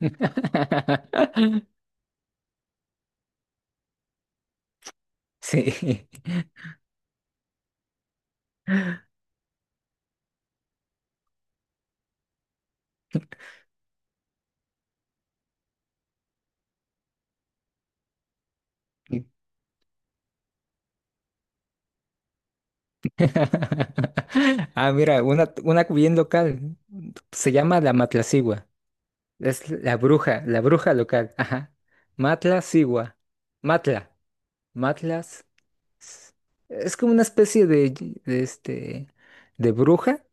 Sí. Ah, mira, una bien local. Se llama la Matlacigua. Es la bruja local. Ajá. Matlacigua. Matla. Matlas. Es como una especie de, de este, de bruja.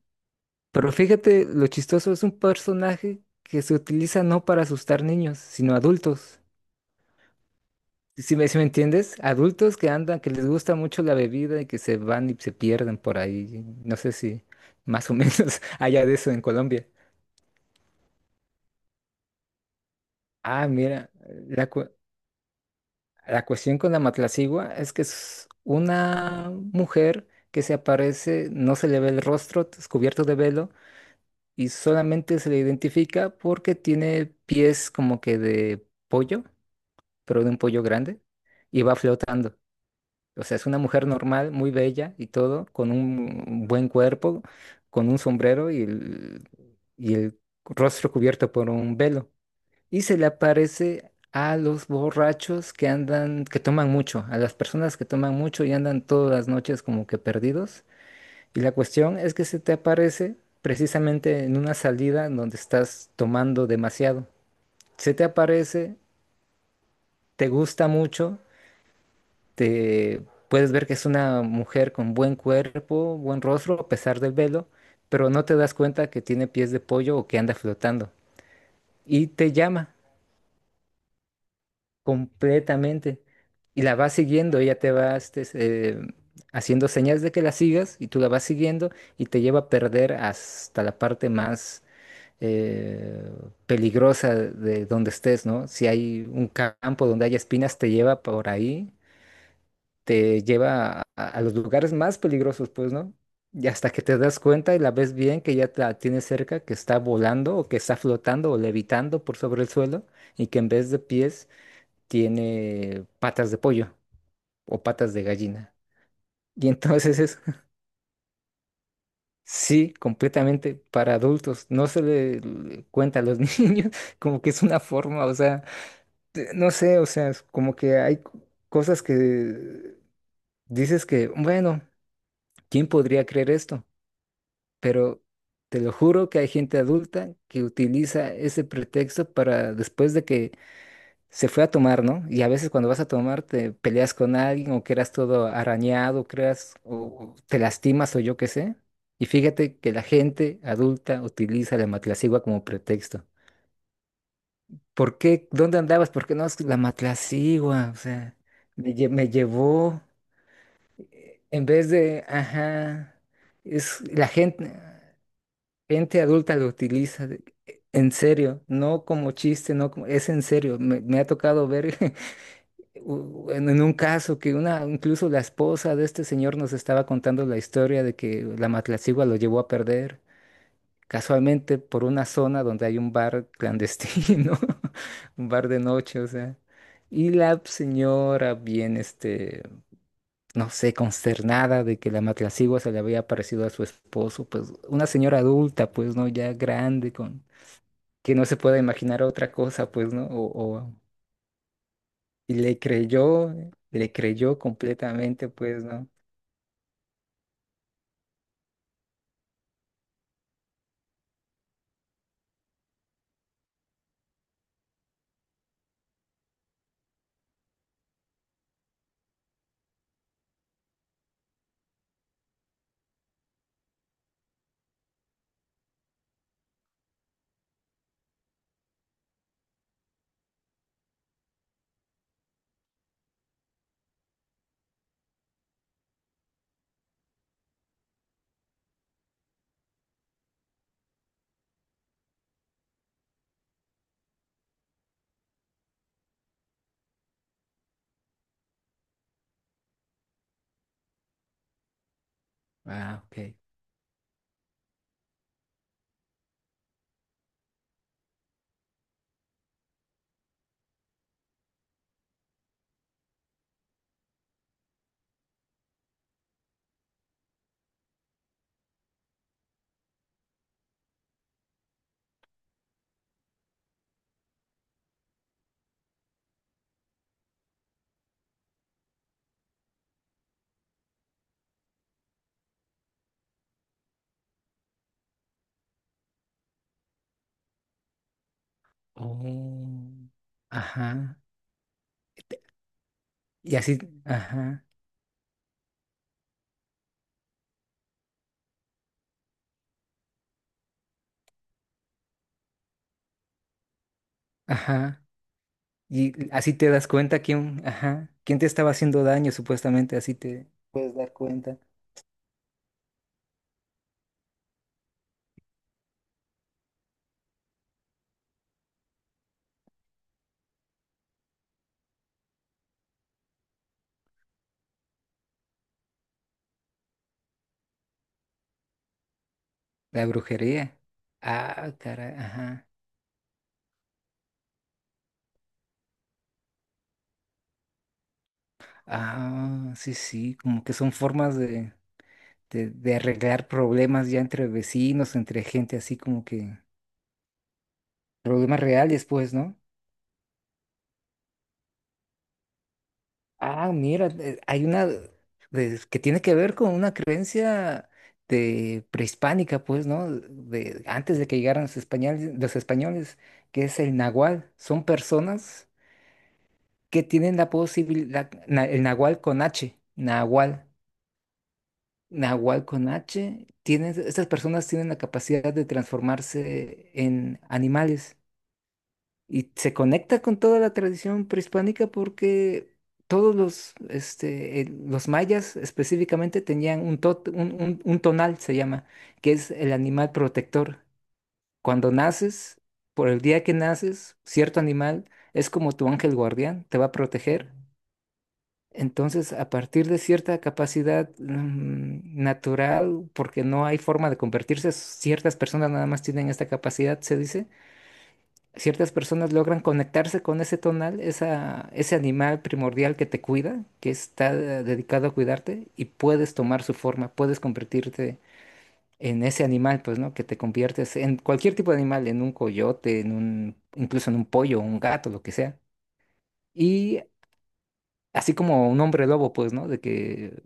Pero fíjate, lo chistoso es un personaje que se utiliza no para asustar niños, sino adultos. Si me entiendes, adultos que andan, que les gusta mucho la bebida y que se van y se pierden por ahí. No sé si más o menos haya de eso en Colombia. Ah, mira, la, cu- la cuestión con la matlacigua es que es una mujer que se aparece, no se le ve el rostro, es cubierto de velo y solamente se le identifica porque tiene pies como que de pollo, pero de un pollo grande y va flotando. O sea, es una mujer normal, muy bella y todo, con un buen cuerpo, con un sombrero y el rostro cubierto por un velo. Y se le aparece a los borrachos que andan, que toman mucho, a las personas que toman mucho y andan todas las noches como que perdidos. Y la cuestión es que se te aparece precisamente en una salida donde estás tomando demasiado. Se te aparece, te gusta mucho te puedes ver que es una mujer con buen cuerpo, buen rostro, a pesar del velo, pero no te das cuenta que tiene pies de pollo o que anda flotando. Y te llama completamente. Y la vas siguiendo, ella te va haciendo señas de que la sigas y tú la vas siguiendo y te lleva a perder hasta la parte más eh, peligrosa de donde estés, ¿no? Si hay un campo donde haya espinas, te lleva por ahí te lleva a los lugares más peligrosos, pues, ¿no? Y hasta que te das cuenta y la ves bien que ya la tienes cerca, que está volando o que está flotando o levitando por sobre el suelo y que en vez de pies tiene patas de pollo o patas de gallina. Y entonces es, sí, completamente para adultos. No se le cuenta a los niños como que es una forma, o sea, no sé, o sea, es como que hay cosas que dices que, bueno, ¿quién podría creer esto? Pero te lo juro que hay gente adulta que utiliza ese pretexto para después de que se fue a tomar, ¿no? Y a veces cuando vas a tomar te peleas con alguien o quedas todo arañado, creas o te lastimas o yo qué sé. Y fíjate que la gente adulta utiliza la matlacigua como pretexto. ¿Por qué? ¿Dónde andabas? ¿Por qué no? Es que la matlacigua, o sea, me llevó en vez de, ajá, es la gente. Gente adulta lo utiliza en serio, no como chiste, no como, es en serio. Me ha tocado ver en un caso que una, incluso la esposa de este señor nos estaba contando la historia de que la Matlacigua lo llevó a perder casualmente por una zona donde hay un bar clandestino, un bar de noche, o sea. Y la señora bien, no sé, consternada de que la matlacigua se le había aparecido a su esposo, pues una señora adulta, pues no, ya grande, con que no se pueda imaginar otra cosa, pues, ¿no? Y le creyó completamente, pues, ¿no? Ah, ok. Oh, ajá. Te- y así, ajá, ajá. Y así te das cuenta quién, ajá, quién te estaba haciendo daño, supuestamente, así te puedes dar cuenta. La brujería. Ah, caray, ajá. Ah, sí, sí, como que son formas de arreglar problemas ya entre vecinos, entre gente así como que problema real y después, ¿no? Ah, mira, hay una que tiene que ver con una creencia de prehispánica, pues, ¿no? De antes de que llegaran los españoles, que es el nahual. Son personas que tienen la posibilidad, el nahual con H, nahual, nahual con H, tienen, estas personas tienen la capacidad de transformarse en animales. Y se conecta con toda la tradición prehispánica porque todos los, los mayas específicamente tenían un, un tonal, se llama, que es el animal protector. Cuando naces, por el día que naces, cierto animal es como tu ángel guardián, te va a proteger. Entonces, a partir de cierta capacidad, natural, porque no hay forma de convertirse, ciertas personas nada más tienen esta capacidad, se dice ciertas personas logran conectarse con ese tonal, ese animal primordial que te cuida, que está dedicado a cuidarte, y puedes tomar su forma, puedes convertirte en ese animal, pues, ¿no? Que te conviertes en cualquier tipo de animal, en un coyote, incluso en un pollo, un gato, lo que sea. Y así como un hombre lobo, pues, ¿no? De que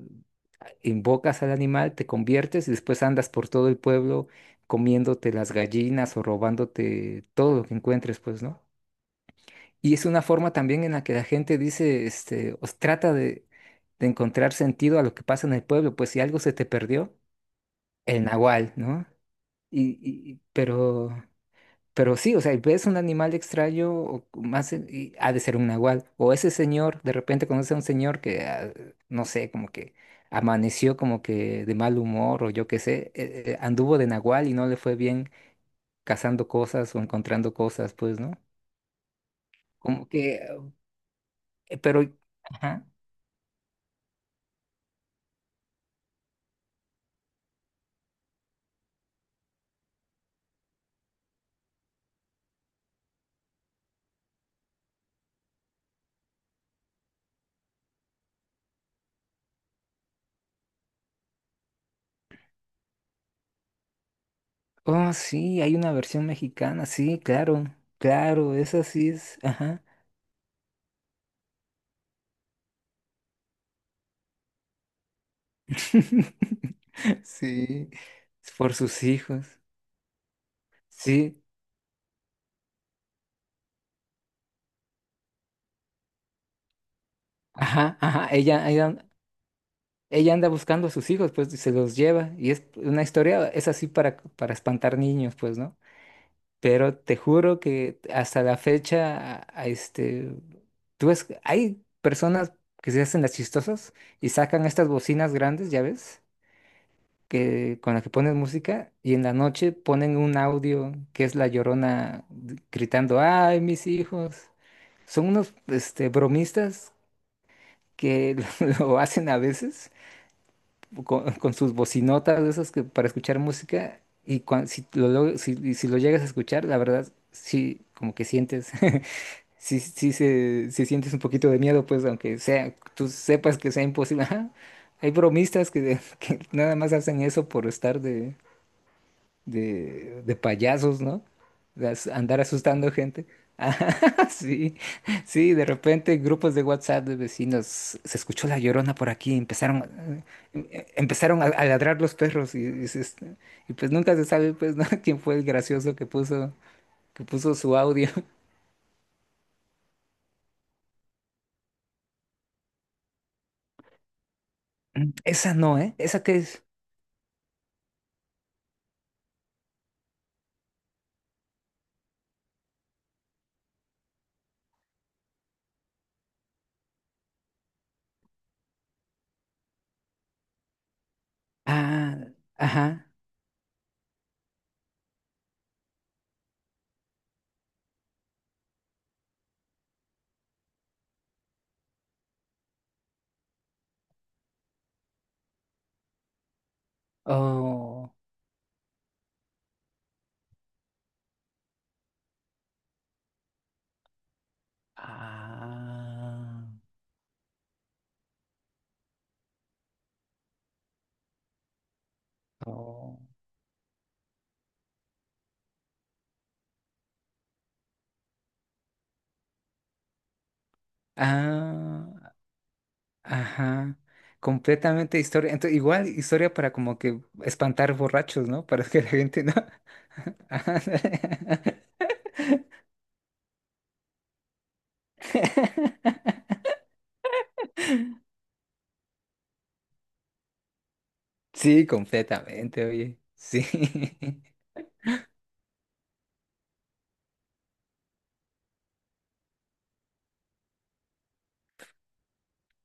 invocas al animal, te conviertes y después andas por todo el pueblo comiéndote las gallinas o robándote todo lo que encuentres, pues, ¿no? Y es una forma también en la que la gente dice, este, os trata de encontrar sentido a lo que pasa en el pueblo, pues si algo se te perdió, el nahual, ¿no? Y, y- y- pero, pero sí, o sea, ves un animal extraño, o más, y ha de ser un nahual. O ese señor, de repente conoce a un señor que, ah, no sé, como que amaneció como que de mal humor, o yo qué sé, anduvo de nahual y no le fue bien cazando cosas o encontrando cosas, pues, ¿no? Como que, pero... ajá. Oh, sí, hay una versión mexicana, sí, claro, claro, esa sí es, ajá. Sí, por sus hijos. Sí, ajá, ajá, ella, ella anda buscando a sus hijos, pues, y se los lleva, y es una historia, es así para espantar niños, pues, ¿no? Pero te juro que hasta la fecha, tú ves, hay personas que se hacen las chistosas y sacan estas bocinas grandes, ¿ya ves? Que, con la que ponen música y en la noche ponen un audio que es La Llorona gritando, ¡ay, mis hijos! Son unos este, bromistas que lo hacen a veces con sus bocinotas de esas que, para escuchar música y cuan- si, lo, log- si, y si lo llegas a escuchar, la verdad, sí, como que sientes... Sí, sí, sí sientes un poquito de miedo, pues, aunque sea, tú sepas que sea imposible. Ajá. Hay bromistas que, que nada más hacen eso por estar de payasos, ¿no? De andar asustando gente. Ah, sí, sí, de repente grupos de WhatsApp de vecinos, se escuchó la llorona por aquí, empezaron, em- empezaron a ladrar los perros y, y pues nunca se sabe pues, ¿no? quién fue el gracioso que puso su audio. Mm, esa no, ¿eh? ¿Esa qué es? Ah, ajá. Oh. Ah. Oh. Ah. Ajá, completamente historia. Entonces, igual historia para como que espantar borrachos, ¿no? Para que la gente no. Ajá. Sí, completamente, oye. Sí.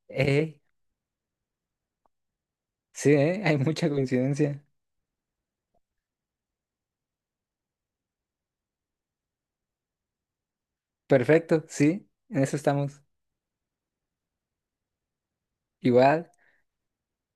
Eh, sí, hay mucha coincidencia. Perfecto, sí, en eso estamos. Igual.